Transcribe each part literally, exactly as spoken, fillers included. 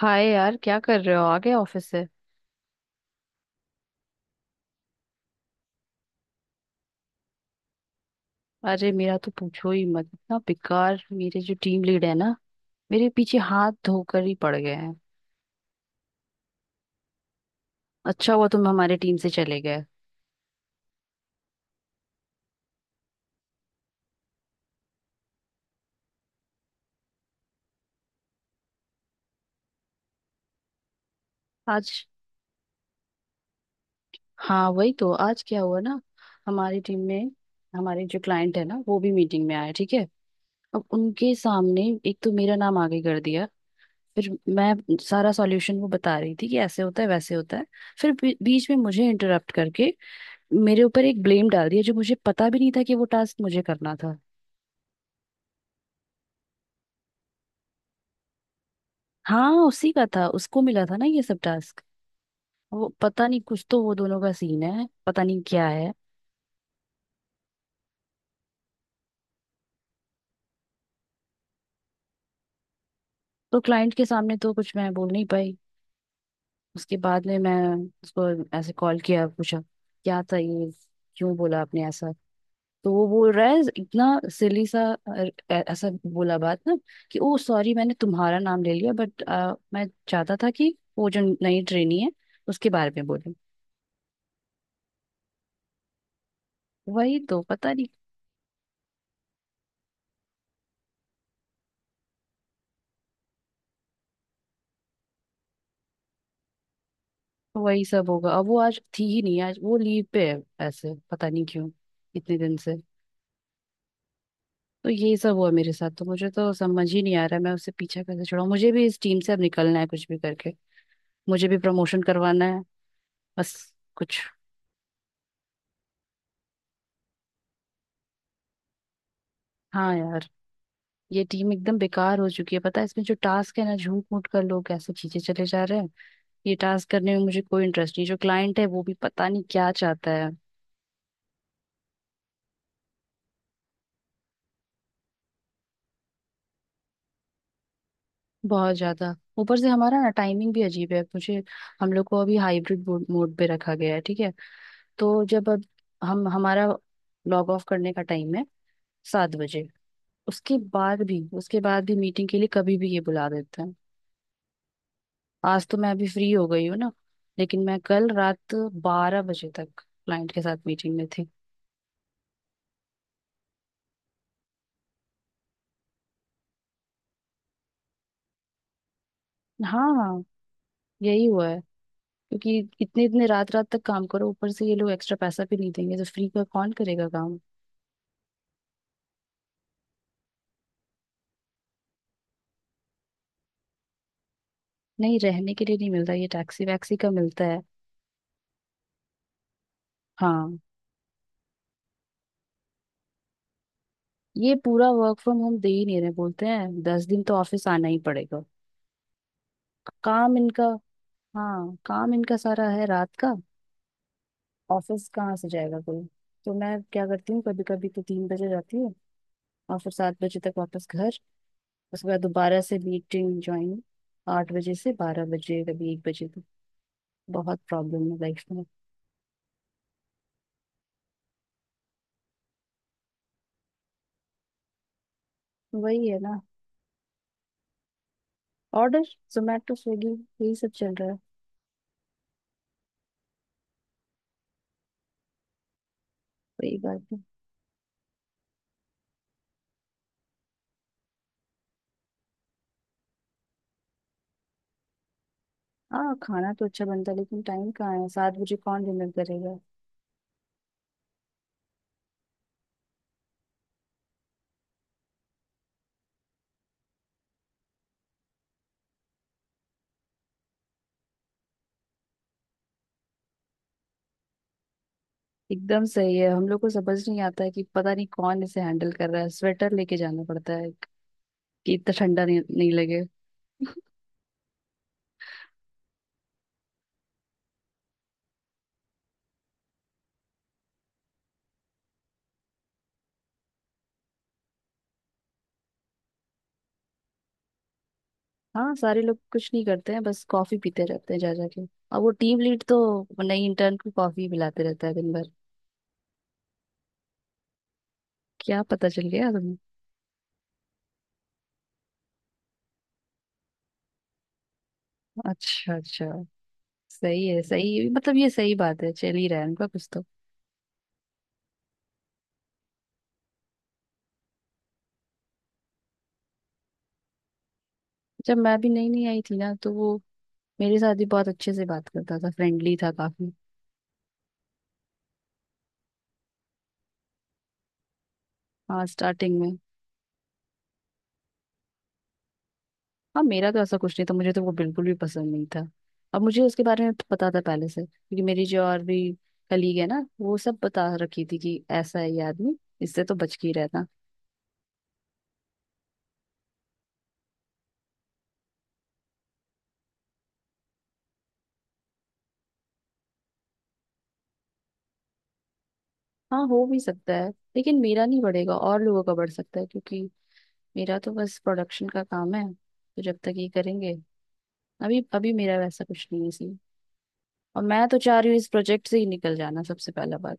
हाय यार क्या कर रहे हो आ गए ऑफिस से। अरे मेरा तो पूछो ही मत इतना बेकार। मेरे जो टीम लीड है ना मेरे पीछे हाथ धोकर ही पड़ गए हैं। अच्छा हुआ तुम हमारे टीम से चले गए। आज। हाँ वही तो आज क्या हुआ ना। हमारी टीम में हमारे जो क्लाइंट है ना वो भी मीटिंग में आया, ठीक है। अब उनके सामने एक तो मेरा नाम आगे कर दिया। फिर मैं सारा सॉल्यूशन वो बता रही थी कि ऐसे होता है वैसे होता है। फिर बी- बीच में मुझे इंटरप्ट करके मेरे ऊपर एक ब्लेम डाल दिया जो मुझे पता भी नहीं था कि वो टास्क मुझे करना था। हाँ उसी का था, उसको मिला था ना ये सब टास्क। वो पता नहीं, कुछ तो वो दोनों का सीन है, पता नहीं क्या है। तो क्लाइंट के सामने तो कुछ मैं बोल नहीं पाई। उसके बाद में मैं उसको ऐसे कॉल किया, पूछा क्या था ये, क्यों बोला आपने ऐसा। तो वो बोल रहा है इतना सिली सा, अ, ऐ- ऐसा बोला बात ना कि ओ सॉरी, मैंने तुम्हारा नाम ले लिया, बट मैं चाहता था कि वो जो नई ट्रेनी है उसके बारे में बोले। वही तो पता नहीं। वही सब होगा। अब वो आज थी ही नहीं, आज वो लीव पे है। ऐसे पता नहीं क्यों, इतने दिन से। तो यही सब हुआ मेरे साथ, तो मुझे तो समझ ही नहीं आ रहा है, मैं उससे पीछा कैसे छुड़ाऊं। मुझे भी इस टीम से अब निकलना है, कुछ भी करके। मुझे भी प्रमोशन करवाना है। बस कुछ। हाँ यार, ये टीम एकदम बेकार हो चुकी है। पता है इसमें जो टास्क है ना, झूठ मूठ कर लोग कैसे खींचे चले जा रहे हैं। ये टास्क करने में मुझे कोई इंटरेस्ट नहीं। जो क्लाइंट है वो भी पता नहीं क्या चाहता है। बहुत ज्यादा। ऊपर से हमारा ना टाइमिंग भी अजीब है। मुझे हम लोग को अभी हाइब्रिड मोड पे रखा गया है, ठीक है। तो जब अब हम हमारा लॉग ऑफ करने का टाइम है सात बजे। उसके बाद भी उसके बाद भी मीटिंग के लिए कभी भी ये बुला देते हैं। आज तो मैं अभी फ्री हो गई हूँ ना। लेकिन मैं कल रात बारह बजे तक क्लाइंट के साथ मीटिंग में थी। हाँ यही हुआ है। क्योंकि इतने इतने रात रात तक काम करो, ऊपर से ये लोग एक्स्ट्रा पैसा भी नहीं देंगे, तो फ्री का कौन करेगा काम। नहीं, रहने के लिए नहीं मिलता, ये टैक्सी वैक्सी का मिलता है। हाँ ये पूरा वर्क फ्रॉम होम दे ही नहीं रहे, बोलते हैं दस दिन तो ऑफिस आना ही पड़ेगा। काम इनका। हाँ काम इनका सारा है रात का। ऑफिस कहाँ से जाएगा कोई। तो मैं क्या करती हूँ, कभी कभी तो तीन बजे जाती हूँ और फिर सात बजे तक वापस घर। उसके बाद दोबारा से मीटिंग ज्वाइन। आठ बजे से बारह बजे, कभी एक बजे तक। बहुत प्रॉब्लम है लाइफ में। वही है ना, ऑर्डर, जोमेटो स्विगी, यही सब चल रहा है। वही बात। हाँ खाना तो अच्छा बनता है, लेकिन टाइम कहाँ है। सात बजे कौन डिनर करेगा। एकदम सही है, हम लोग को समझ नहीं आता है कि पता नहीं कौन इसे हैंडल कर रहा है। स्वेटर लेके जाना पड़ता है कि इतना ठंडा नहीं, नहीं लगे। हाँ सारे लोग कुछ नहीं करते हैं, बस कॉफी पीते रहते हैं जा जाके। और वो टीम लीड तो नई इंटर्न को कॉफी पिलाते रहता है दिन भर। क्या पता चल गया तुम्हें? अच्छा अच्छा। सही है। सही मतलब ये सही बात है, चल ही रहा है उनका कुछ तो। जब मैं भी नई नई आई थी ना, तो वो मेरे साथ भी बहुत अच्छे से बात करता था, फ्रेंडली था काफी। हाँ स्टार्टिंग में। हाँ मेरा तो ऐसा कुछ नहीं था, मुझे तो वो बिल्कुल भी पसंद नहीं था। अब मुझे उसके बारे में पता था पहले से, क्योंकि मेरी जो और भी कलीग है ना, वो सब बता रखी थी कि ऐसा है ये आदमी, इससे तो बच के ही रहना। हाँ हो भी सकता है, लेकिन मेरा नहीं बढ़ेगा, और लोगों का बढ़ सकता है, क्योंकि मेरा तो बस प्रोडक्शन का काम है। तो जब तक ये करेंगे अभी अभी, मेरा वैसा कुछ नहीं है सीन। और मैं तो चाह रही हूँ इस प्रोजेक्ट से ही निकल जाना सबसे पहला बात।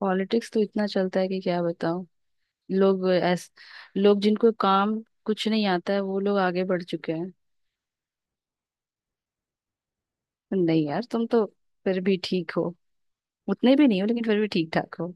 पॉलिटिक्स तो इतना चलता है कि क्या बताऊँ। लोग ऐस लोग जिनको काम कुछ नहीं आता है वो लोग आगे बढ़ चुके हैं। नहीं यार, तुम तो फिर भी ठीक हो। उतने भी नहीं हो, लेकिन फिर भी ठीक ठाक हो।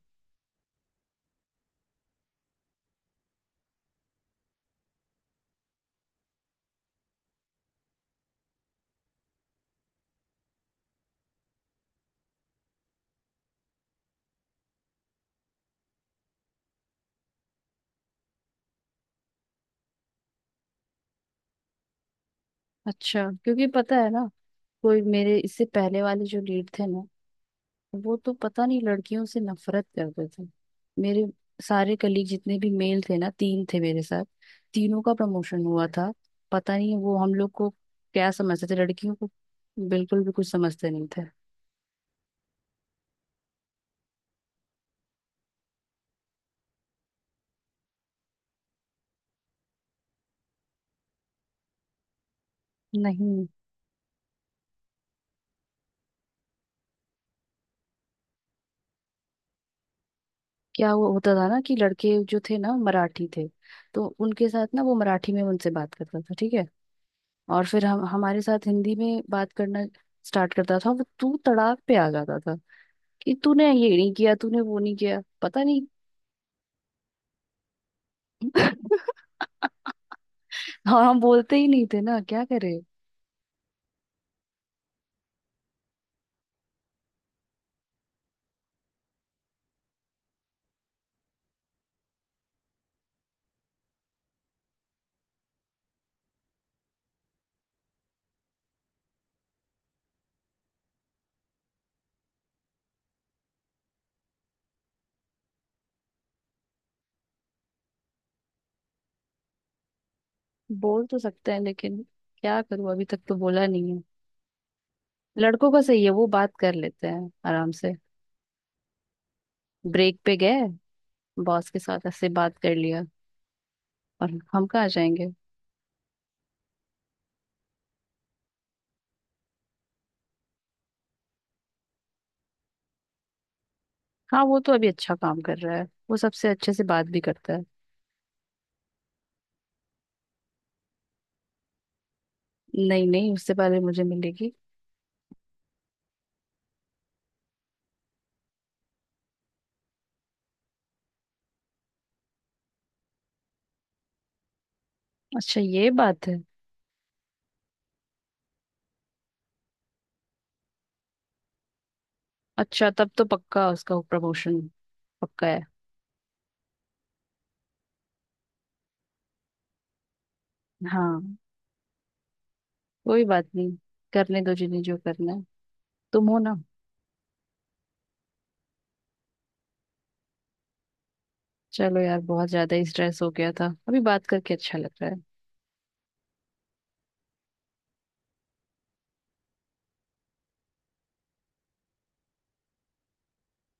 अच्छा क्योंकि पता है ना, कोई मेरे इससे पहले वाले जो लीड थे ना, वो तो पता नहीं लड़कियों से नफरत करते थे। मेरे सारे कलीग जितने भी मेल थे ना, तीन थे मेरे साथ, तीनों का प्रमोशन हुआ था। पता नहीं वो हम लोग को क्या समझते थे, लड़कियों को बिल्कुल भी कुछ समझते नहीं थे। नहीं। क्या वो होता था ना कि लड़के जो थे ना मराठी थे, तो उनके साथ ना वो मराठी में उनसे बात करता था, ठीक है। और फिर हम हमारे साथ हिंदी में बात करना स्टार्ट करता था। वो तू तड़ाक पे आ जाता था कि तूने ये नहीं किया, तूने वो नहीं किया, पता नहीं। हाँ हम बोलते ही नहीं थे ना, क्या करे। बोल तो सकते हैं लेकिन क्या करूं, अभी तक तो बोला नहीं है। लड़कों का सही है, वो बात कर लेते हैं आराम से, ब्रेक पे गए, बॉस के साथ ऐसे बात कर लिया। और हम कहाँ जाएंगे। हाँ वो तो अभी अच्छा काम कर रहा है, वो सबसे अच्छे से बात भी करता है। नहीं नहीं, उससे पहले मुझे मिलेगी। अच्छा ये बात है। अच्छा तब तो पक्का उसका प्रमोशन पक्का है। हाँ कोई बात नहीं, करने दो जिन्हें जो करना है। तुम हो ना। चलो यार, बहुत ज्यादा ही स्ट्रेस हो गया था, अभी बात करके अच्छा लग रहा है।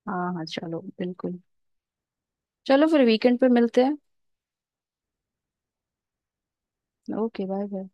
हाँ हाँ चलो बिल्कुल। चलो फिर वीकेंड पे मिलते हैं। Okay bye bye.